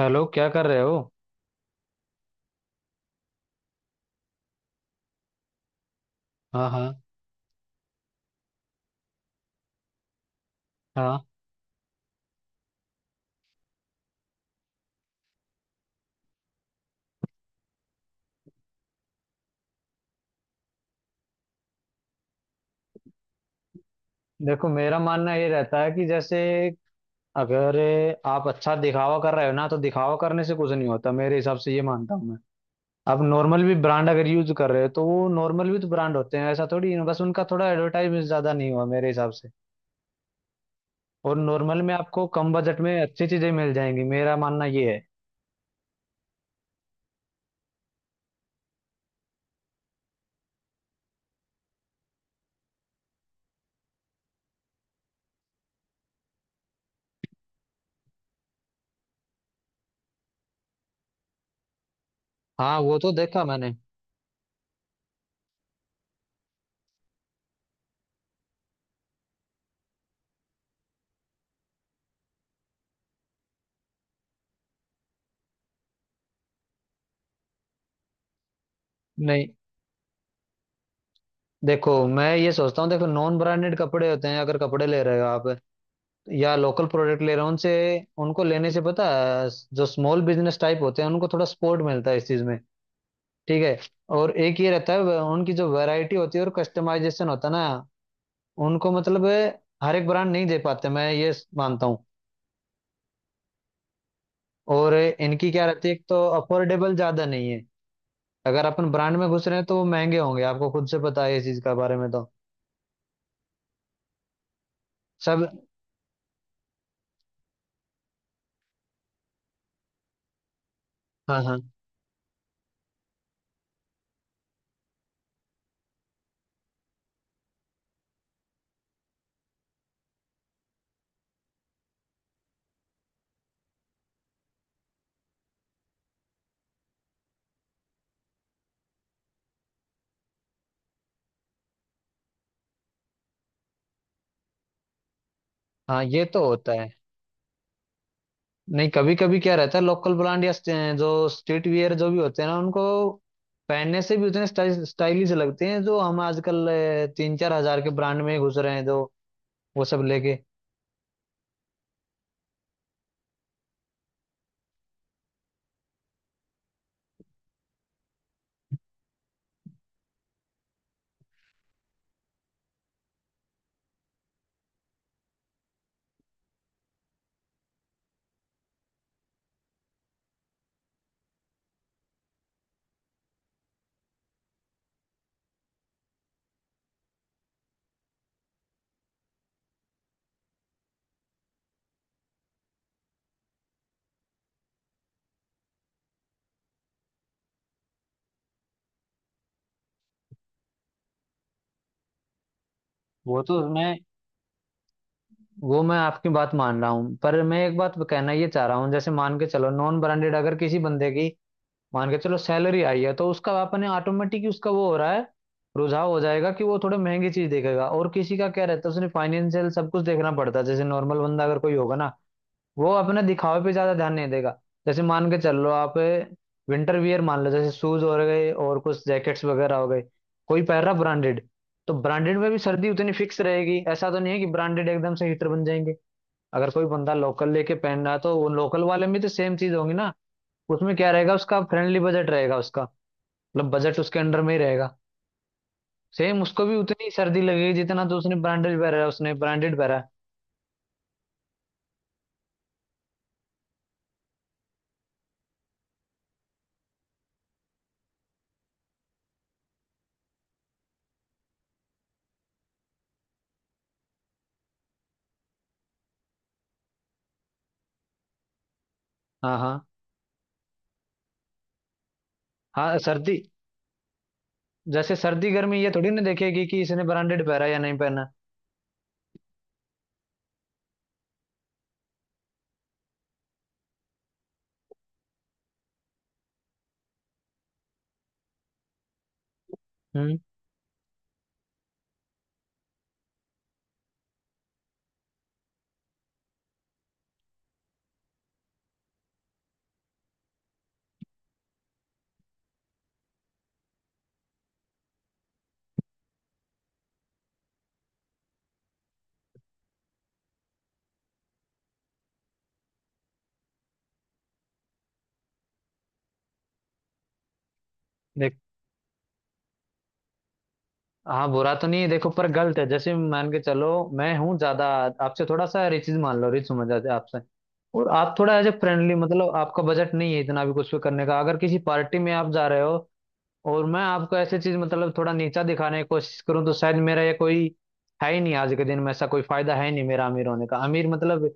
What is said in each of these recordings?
Hello, क्या कर रहे हो? हाँ, हाँ। हाँ। देखो, मेरा मानना ये रहता है कि जैसे अगर आप अच्छा दिखावा कर रहे हो ना, तो दिखावा करने से कुछ नहीं होता मेरे हिसाब से, ये मानता हूँ मैं। आप नॉर्मल भी ब्रांड अगर यूज कर रहे हो तो वो नॉर्मल भी तो ब्रांड होते हैं, ऐसा थोड़ी है, बस उनका थोड़ा एडवर्टाइज ज्यादा नहीं हुआ मेरे हिसाब से। और नॉर्मल में आपको कम बजट में अच्छी चीजें मिल जाएंगी, मेरा मानना ये है। हाँ, वो तो देखा मैंने। नहीं, देखो मैं ये सोचता हूँ, देखो नॉन ब्रांडेड कपड़े होते हैं, अगर कपड़े ले रहे हो आप या लोकल प्रोडक्ट ले रहा हूँ उनसे, उनको लेने से पता है, जो स्मॉल बिजनेस टाइप होते हैं उनको थोड़ा सपोर्ट मिलता है इस चीज में। ठीक है। और एक ये रहता है उनकी जो वैरायटी होती है और कस्टमाइजेशन होता है ना, उनको मतलब हर एक ब्रांड नहीं दे पाते, मैं ये मानता हूँ। और इनकी क्या रहती है, एक तो अफोर्डेबल ज्यादा नहीं है। अगर अपन ब्रांड में घुस रहे हैं तो वो महंगे होंगे, आपको खुद से पता है इस चीज का बारे में तो सब। हाँ, हाँ। हाँ, ये तो होता है। नहीं, कभी कभी क्या रहता है, लोकल ब्रांड या जो स्ट्रीट वियर जो भी होते हैं ना, उनको पहनने से भी उतने स्टाइलिश लगते हैं, जो हम आजकल 3-4 हजार के ब्रांड में घुस रहे हैं, जो वो सब लेके। वो तो मैं वो मैं आपकी बात मान रहा हूँ, पर मैं एक बात कहना ये चाह रहा हूँ, जैसे मान के चलो नॉन ब्रांडेड अगर किसी बंदे की मान के चलो सैलरी आई है तो उसका अपने ऑटोमेटिक उसका वो हो रहा है, रुझाव हो जाएगा कि वो थोड़ा महंगी चीज देखेगा, और किसी का क्या रहता है उसने फाइनेंशियल सब कुछ देखना पड़ता है, जैसे नॉर्मल बंदा अगर कोई होगा ना, वो अपने दिखावे पे ज्यादा ध्यान नहीं देगा। जैसे मान के चल लो आप विंटर वियर मान लो, जैसे शूज हो गए और कुछ जैकेट्स वगैरह हो गए, कोई पहन रहा ब्रांडेड, तो ब्रांडेड में भी सर्दी उतनी फिक्स रहेगी, ऐसा तो नहीं है कि ब्रांडेड एकदम से हीटर बन जाएंगे। अगर कोई बंदा लोकल लेके पहन रहा है तो वो लोकल वाले में तो सेम चीज होगी ना, उसमें क्या रहेगा, उसका फ्रेंडली बजट रहेगा उसका, मतलब बजट उसके अंडर में ही रहेगा। सेम उसको भी उतनी सर्दी लगेगी, जितना तो उसने ब्रांडेड पहना है, उसने ब्रांडेड पहना है। हाँ, हाँ। हाँ, सर्दी जैसे सर्दी गर्मी ये थोड़ी ना देखेगी कि इसने ब्रांडेड पहना या नहीं पहना। हम्म। देख हाँ, बुरा तो नहीं है देखो, पर गलत है। जैसे मान के चलो मैं हूँ ज्यादा आपसे थोड़ा सा रिच, मान लो रिच समझ जाते हैं आपसे, और आप थोड़ा एज ए फ्रेंडली, मतलब आपका बजट नहीं है इतना भी कुछ भी करने का, अगर किसी पार्टी में आप जा रहे हो और मैं आपको ऐसे चीज मतलब थोड़ा नीचा दिखाने की कोशिश करूँ, तो शायद मेरा ये कोई है ही नहीं, आज के दिन में ऐसा कोई फायदा है ही नहीं मेरा अमीर होने का। अमीर मतलब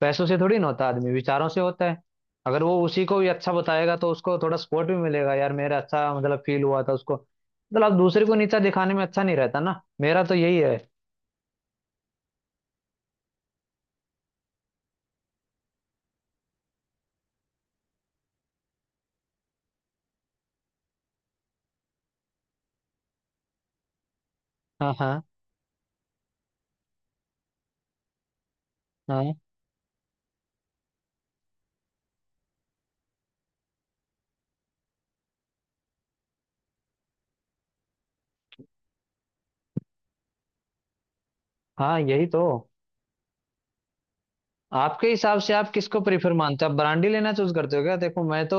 पैसों से थोड़ी ना होता, आदमी विचारों से होता है। अगर वो उसी को भी अच्छा बताएगा तो उसको थोड़ा सपोर्ट भी मिलेगा, यार मेरा अच्छा मतलब फील हुआ था उसको, मतलब आप दूसरे को नीचा दिखाने में अच्छा नहीं रहता ना, मेरा तो यही है। हाँ, हाँ। हाँ, हाँ यही तो। आपके हिसाब से आप किसको प्रेफर मानते हो, आप ब्रांडी लेना चूज करते हो क्या? देखो मैं तो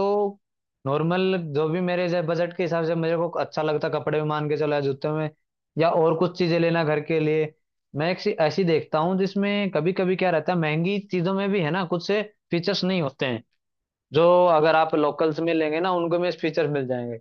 नॉर्मल, जो भी मेरे जब बजट के हिसाब से मेरे को अच्छा लगता कपड़े में मान के चलो, या जूते में, या और कुछ चीजें लेना घर के लिए, मैं एक ऐसी देखता हूँ जिसमें कभी कभी क्या रहता है, महंगी चीजों में भी है ना, कुछ से फीचर्स नहीं होते हैं, जो अगर आप लोकल्स में लेंगे ना, उनको में फीचर मिल जाएंगे।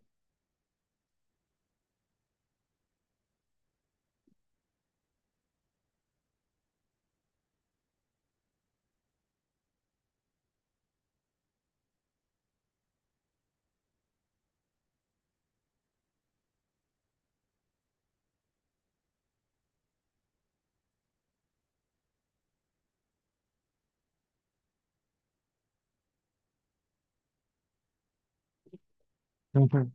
हम्म।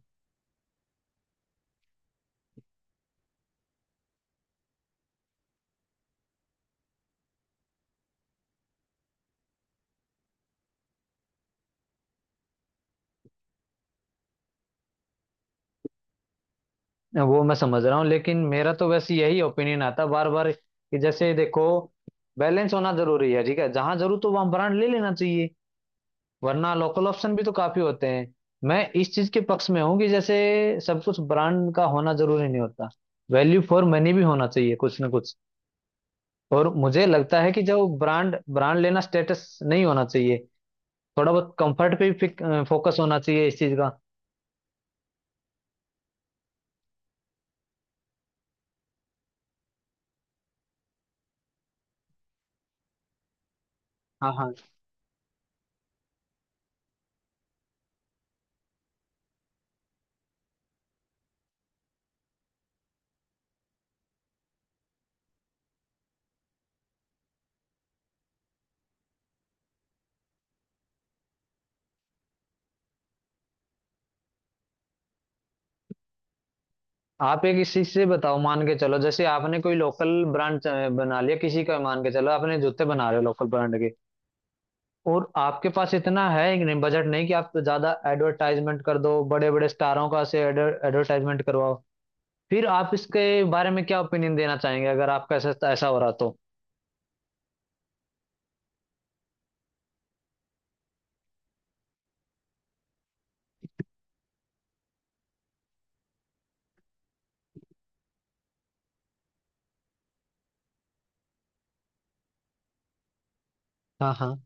वो मैं समझ रहा हूँ, लेकिन मेरा तो वैसे यही ओपिनियन आता बार बार कि जैसे देखो, बैलेंस होना जरूरी है, ठीक है? जहां जरूरत हो वहां ब्रांड ले लेना चाहिए, वरना लोकल ऑप्शन भी तो काफी होते हैं। मैं इस चीज के पक्ष में हूँ कि जैसे सब कुछ ब्रांड का होना जरूरी नहीं होता, वैल्यू फॉर मनी भी होना चाहिए कुछ ना कुछ। और मुझे लगता है कि जो ब्रांड ब्रांड लेना स्टेटस नहीं होना चाहिए, थोड़ा बहुत कंफर्ट पे भी फोकस होना चाहिए इस चीज का। हाँ, हाँ। आप एक इस चीज से बताओ, मान के चलो जैसे आपने कोई लोकल ब्रांड बना लिया किसी का, मान के चलो आपने जूते बना रहे हो लोकल ब्रांड के, और आपके पास इतना है बजट नहीं कि आप ज्यादा एडवर्टाइजमेंट कर दो, बड़े बड़े स्टारों का से एडवर्टाइजमेंट करवाओ, फिर आप इसके बारे में क्या ओपिनियन देना चाहेंगे अगर आपका ऐसा ऐसा हो रहा तो? हाँ। हाँ।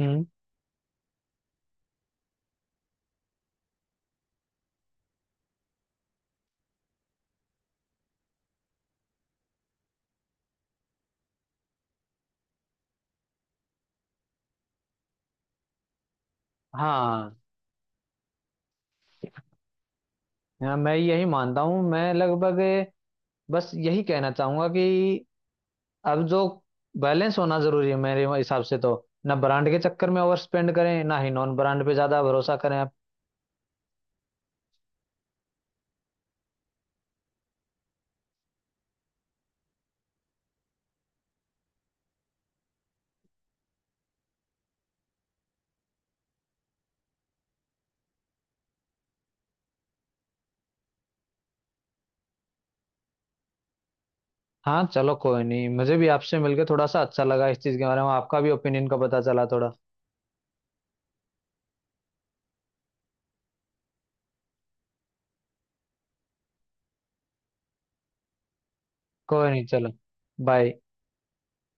हम्म। हाँ, हाँ, मैं यही मानता हूँ, मैं लगभग बस यही कहना चाहूंगा कि अब जो बैलेंस होना जरूरी है मेरे हिसाब से, तो ना ब्रांड के चक्कर में ओवर स्पेंड करें, ना ही नॉन ब्रांड पे ज्यादा भरोसा करें। हाँ, चलो कोई नहीं, मुझे भी आपसे मिलके थोड़ा सा अच्छा लगा, इस चीज के बारे में आपका भी ओपिनियन का पता चला थोड़ा। कोई नहीं, चलो, बाय।